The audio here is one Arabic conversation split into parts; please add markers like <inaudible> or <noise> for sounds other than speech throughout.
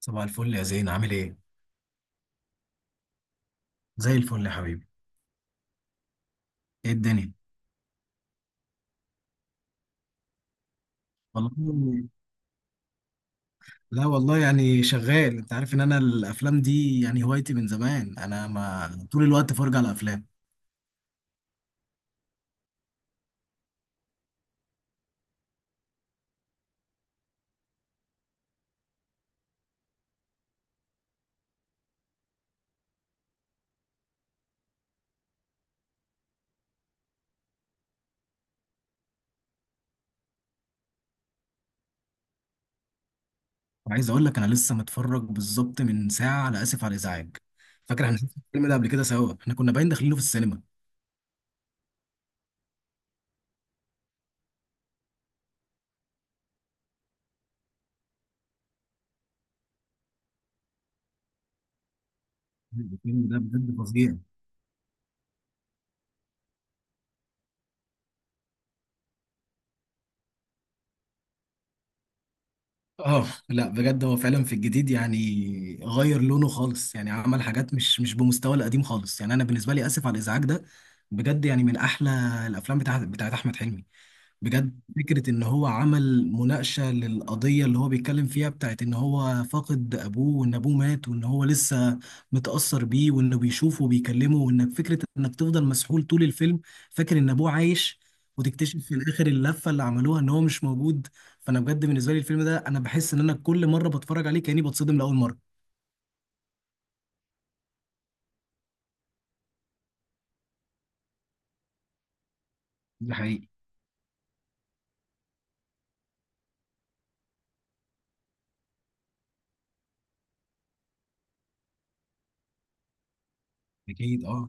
صباح الفل يا زين، عامل ايه؟ زي الفل يا حبيبي. ايه الدنيا؟ والله لا والله يعني شغال. انت عارف ان انا الافلام دي يعني هوايتي من زمان، انا ما طول الوقت فرجة على افلام. وعايز اقول لك انا لسه متفرج بالظبط من ساعة على اسف على الازعاج. فاكر احنا شفنا الفيلم ده قبل كده سوا، احنا كنا باين داخلينه في السينما. الفيلم ده بجد فظيع. اه لا، بجد هو فعلا في الجديد يعني غير لونه خالص، يعني عمل حاجات مش بمستوى القديم خالص. يعني انا بالنسبه لي اسف على الازعاج ده بجد يعني من احلى الافلام بتاعت احمد حلمي. بجد فكرة إن هو عمل مناقشة للقضية اللي هو بيتكلم فيها بتاعت إن هو فاقد أبوه وإن أبوه مات وإن هو لسه متأثر بيه وإنه بيشوفه وبيكلمه، وإنك فكرة إنك تفضل مسحول طول الفيلم فاكر إن أبوه عايش، وتكتشف في الآخر اللفة اللي عملوها إن هو مش موجود. فأنا بجد بالنسبة لي الفيلم ده أنا بحس إن أنا كل مرة بتفرج عليه كأني بتصدم لأول مرة. ده حقيقي. أكيد، أه.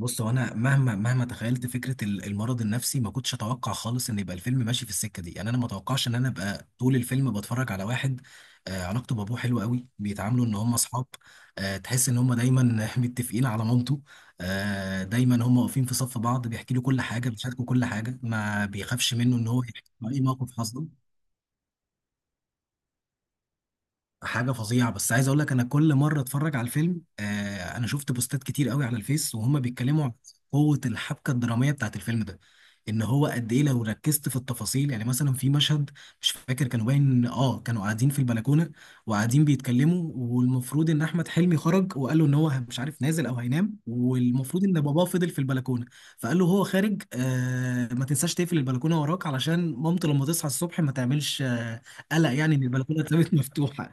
بص هو انا مهما تخيلت فكره المرض النفسي ما كنتش اتوقع خالص ان يبقى الفيلم ماشي في السكه دي، يعني انا ما اتوقعش ان انا ابقى طول الفيلم بتفرج على واحد. علاقته بابوه حلوه قوي، بيتعاملوا ان هم اصحاب. تحس ان هم دايما <laughs> متفقين على مامته. دايما هم واقفين في صف بعض، بيحكي له كل حاجه، بيشاركوا كل حاجه، ما بيخافش منه ان هو يحكي له اي موقف حصل. حاجه فظيعه. بس عايز اقول لك انا كل مره اتفرج على الفيلم انا شفت بوستات كتير قوي على الفيس وهم بيتكلموا عن قوه الحبكه الدراميه بتاعت الفيلم ده، ان هو قد ايه لو ركزت في التفاصيل. يعني مثلا في مشهد مش فاكر كانوا باين، كانوا قاعدين في البلكونه وقاعدين بيتكلموا، والمفروض ان احمد حلمي خرج وقال له ان هو مش عارف نازل او هينام، والمفروض ان باباه فضل في البلكونه. فقال له هو خارج ما تنساش تقفل البلكونه وراك علشان مامته لما تصحى الصبح ما تعملش قلق، يعني ان البلكونه اتسابت مفتوحه.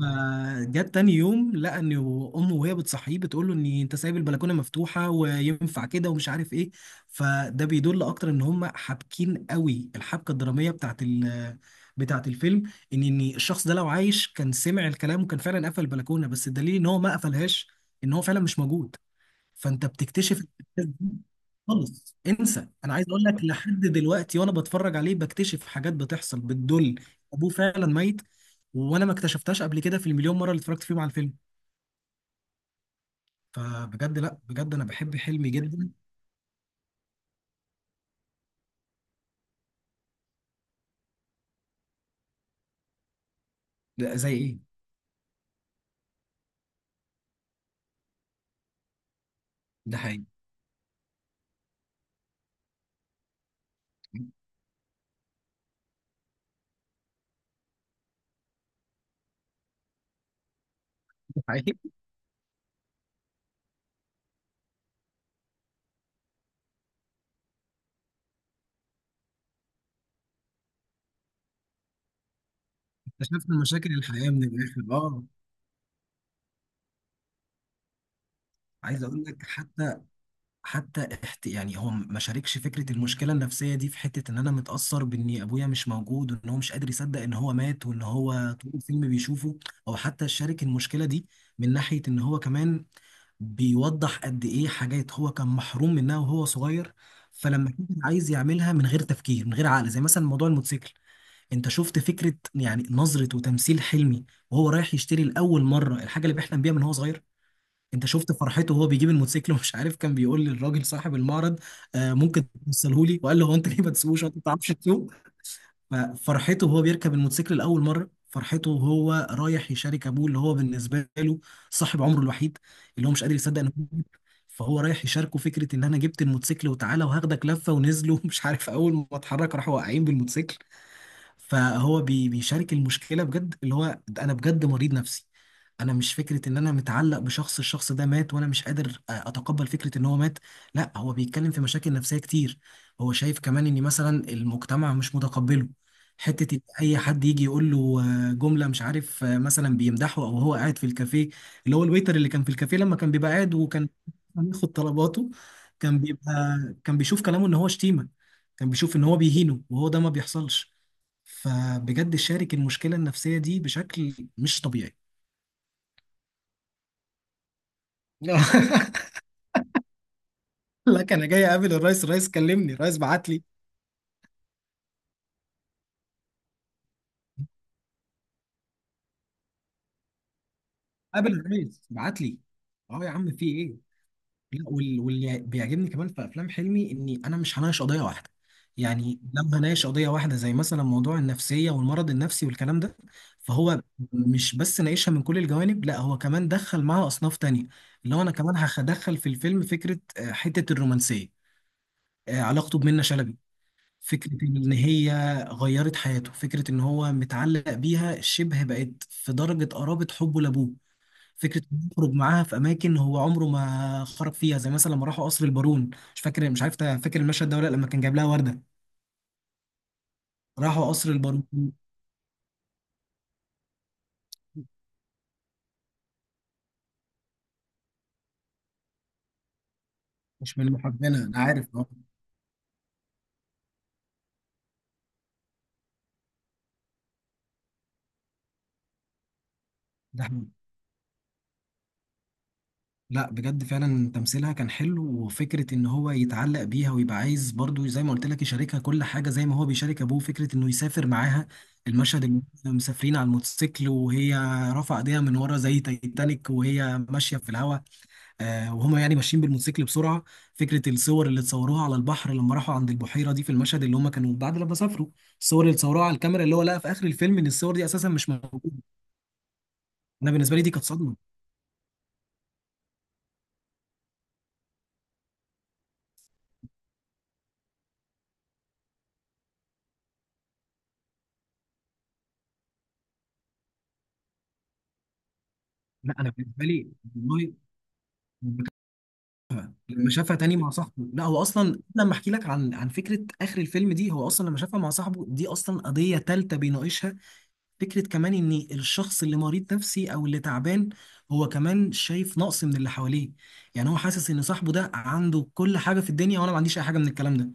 فجت تاني يوم لقى ان امه وهي بتصحيه بتقول له ان انت سايب البلكونه مفتوحه وينفع كده ومش عارف ايه. فده بيدل اكتر ان هم حابكين قوي الحبكه الدراميه بتاعت الفيلم، ان الشخص ده لو عايش كان سمع الكلام وكان فعلا قفل البلكونه، بس الدليل ان هو ما قفلهاش ان هو فعلا مش موجود. فانت بتكتشف الأحداث دي خالص، انسى. انا عايز اقول لك لحد دلوقتي وانا بتفرج عليه بكتشف حاجات بتحصل بتدل ابوه فعلا ميت، وانا ما اكتشفتهاش قبل كده في المليون مره اللي اتفرجت فيهم على الفيلم. فبجد، لا بجد انا بحب حلمي جدا. ده زي ايه. ده حقيقي. ده حقيقي. اكتشفنا مشاكل الحياه من الاخر، اه. عايز اقول لك، حتى يعني هو ما شاركش فكره المشكله النفسيه دي في حته ان انا متاثر بان ابويا مش موجود وان هو مش قادر يصدق ان هو مات وان هو طول الفيلم بيشوفه، او حتى شارك المشكله دي من ناحيه ان هو كمان بيوضح قد ايه حاجات هو كان محروم منها وهو صغير. فلما كان عايز يعملها من غير تفكير، من غير عقل، زي مثلا موضوع الموتوسيكل. انت شفت فكره يعني نظره وتمثيل حلمي وهو رايح يشتري لاول مره الحاجه اللي بيحلم بيها من هو صغير. انت شفت فرحته وهو بيجيب الموتوسيكل، ومش عارف كان بيقول للراجل صاحب المعرض ممكن توصلهولي، وقال له هو: انت ليه ما تسوقوش، انت ما بتعرفش تسوق. ففرحته وهو بيركب الموتوسيكل لاول مره، فرحته وهو رايح يشارك ابوه اللي هو بالنسبه له صاحب عمره الوحيد، اللي هو مش قادر يصدق انه جديد. فهو رايح يشاركه فكره ان انا جبت الموتوسيكل وتعالى وهاخدك لفه، ونزلوا <laughs> مش عارف، اول ما اتحرك راحوا واقعين بالموتوسيكل. فهو بيشارك المشكله بجد، اللي هو ده انا بجد مريض نفسي. انا مش فكره ان انا متعلق بشخص، الشخص ده مات وانا مش قادر اتقبل فكره ان هو مات. لا هو بيتكلم في مشاكل نفسيه كتير. هو شايف كمان ان مثلا المجتمع مش متقبله، حته إن اي حد يجي يقول له جمله مش عارف، مثلا بيمدحه، او هو قاعد في الكافيه، اللي هو الويتر اللي كان في الكافيه لما كان بيبقى قاعد وكان بياخد طلباته، كان بيبقى كان بيشوف كلامه ان هو شتيمه، كان بيشوف ان هو بيهينه، وهو ده ما بيحصلش. فبجد شارك المشكلة النفسية دي بشكل مش طبيعي. <laughs> لك انا جاي اقابل الرئيس، الرئيس كلمني، الرئيس بعت لي، قابل الرئيس بعت لي. اه يا عم في ايه. لا واللي بيعجبني كمان في افلام حلمي اني انا مش هناقش قضيه واحده، يعني لما هناقش قضيه واحده زي مثلا موضوع النفسيه والمرض النفسي والكلام ده، فهو مش بس ناقشها من كل الجوانب، لا هو كمان دخل معاها اصناف تانية، اللي هو انا كمان هدخل في الفيلم فكره حته الرومانسيه، علاقته بمنة شلبي. فكرة إن هي غيرت حياته، فكرة إن هو متعلق بيها شبه بقت في درجة قرابة حبه لأبوه. فكرة إنه يخرج معاها في أماكن هو عمره ما خرج فيها، زي مثلا لما راحوا قصر البارون. مش فاكر، مش عارف فاكر المشهد ده ولا لأ؟ لما كان جايب لها وردة، راحوا قصر البارون. مش من محبنا، أنا عارف، أه. ده لا بجد، فعلا تمثيلها كان حلو، وفكرة ان هو يتعلق بيها ويبقى عايز برضو زي ما قلت لك يشاركها كل حاجة زي ما هو بيشارك ابوه، فكرة انه يسافر معاها. المشهد اللي هم مسافرين على الموتوسيكل وهي رافعة ايديها من ورا زي تايتانيك وهي ماشية في الهواء، آه وهما يعني ماشيين بالموتوسيكل بسرعة. فكرة الصور اللي اتصوروها على البحر لما راحوا عند البحيرة دي، في المشهد اللي هم كانوا بعد لما سافروا، الصور اللي اتصوروها على الكاميرا اللي هو لقى في اخر الفيلم ان الصور دي اساسا مش موجودة. انا بالنسبة لي دي كانت صدمة. لا انا بالنسبة لي والله لما شافها تاني مع صاحبه، لا هو اصلا لما احكي لك عن فكره اخر الفيلم دي، هو اصلا لما شافها مع صاحبه دي اصلا قضيه تالته بيناقشها. فكره كمان ان الشخص اللي مريض نفسي او اللي تعبان هو كمان شايف نقص من اللي حواليه. يعني هو حاسس ان صاحبه ده عنده كل حاجه في الدنيا وانا ما عنديش اي حاجه من الكلام ده.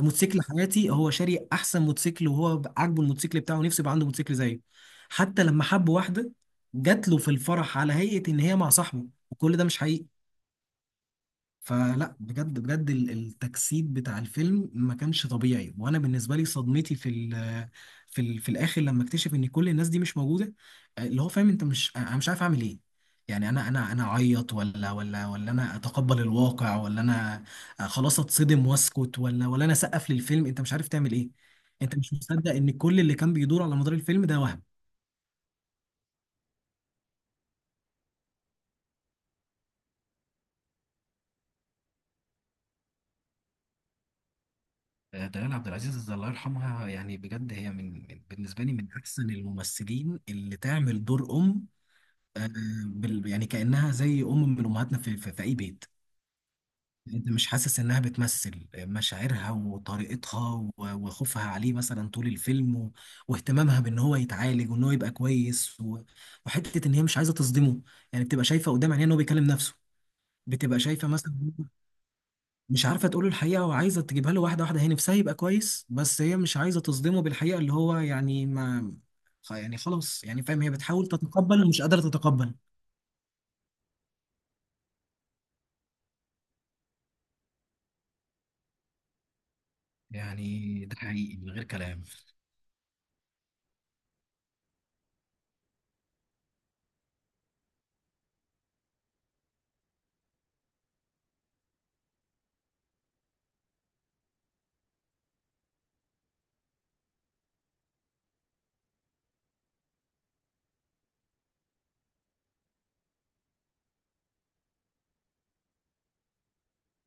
موتوسيكل حياتي، هو شاري احسن موتوسيكل وهو عاجبه الموتوسيكل بتاعه، نفسه يبقى عنده موتوسيكل زيه. حتى لما حب واحده، جات له في الفرح على هيئه ان هي مع صاحبه، وكل ده مش حقيقي. فلا بجد بجد التجسيد بتاع الفيلم ما كانش طبيعي. وانا بالنسبه لي صدمتي في الاخر لما اكتشف ان كل الناس دي مش موجوده. اللي هو فاهم، انت مش، انا مش عارف اعمل ايه. يعني انا اعيط ولا انا اتقبل الواقع ولا انا خلاص اتصدم واسكت، ولا انا اسقف للفيلم. انت مش عارف تعمل ايه. انت مش مصدق ان كل اللي كان بيدور على مدار الفيلم ده وهم. دلال عبد العزيز الله يرحمها، يعني بجد هي بالنسبه لي من احسن الممثلين اللي تعمل دور ام. آه، يعني كأنها زي أم من أمهاتنا في, أي بيت. أنت مش حاسس إنها بتمثل مشاعرها وطريقتها وخوفها عليه مثلا طول الفيلم واهتمامها بإن هو يتعالج وإن هو يبقى كويس، وحتة إن هي مش عايزة تصدمه. يعني بتبقى شايفة قدام عينيها إن هو بيكلم نفسه، بتبقى شايفة مثلا مش عارفة تقول له الحقيقة وعايزة تجيبها له واحدة واحدة، هي نفسها يبقى كويس بس هي مش عايزة تصدمه بالحقيقة اللي هو يعني ما يعني خلاص يعني فاهم، هي بتحاول تتقبل ومش قادرة تتقبل. يعني ده حقيقي من غير كلام.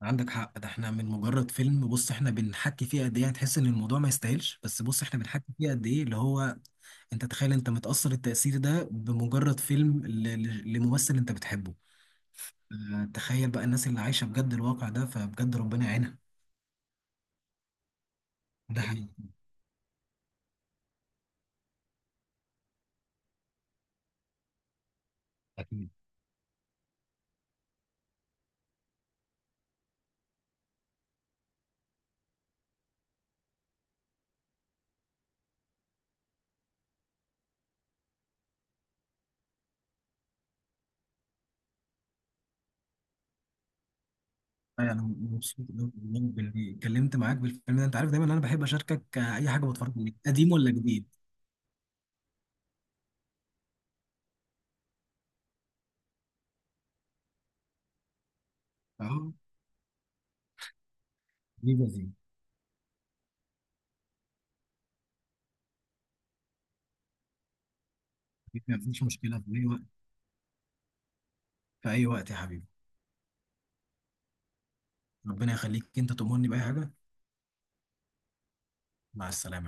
عندك حق. ده احنا من مجرد فيلم، بص احنا بنحكي فيه قد ايه هتحس ان الموضوع ما يستاهلش، بس بص احنا بنحكي فيه قد ايه، اللي هو انت تخيل انت متأثر التأثير ده بمجرد فيلم لممثل انت بتحبه. اه، تخيل بقى الناس اللي عايشة بجد الواقع ده، فبجد ربنا يعينها. ده حقيقي. أكيد. انا مبسوط أوي والله باللي اتكلمت معاك بالفيلم ده، انت عارف دايما انا بحب اشاركك اي حاجة بتفرج عليها قديم ولا جديد. اه. دي ما فيش مشكلة، في اي وقت، في اي وقت يا حبيبي. ربنا يخليك، انت تؤمرني بأي حاجة. مع السلامة.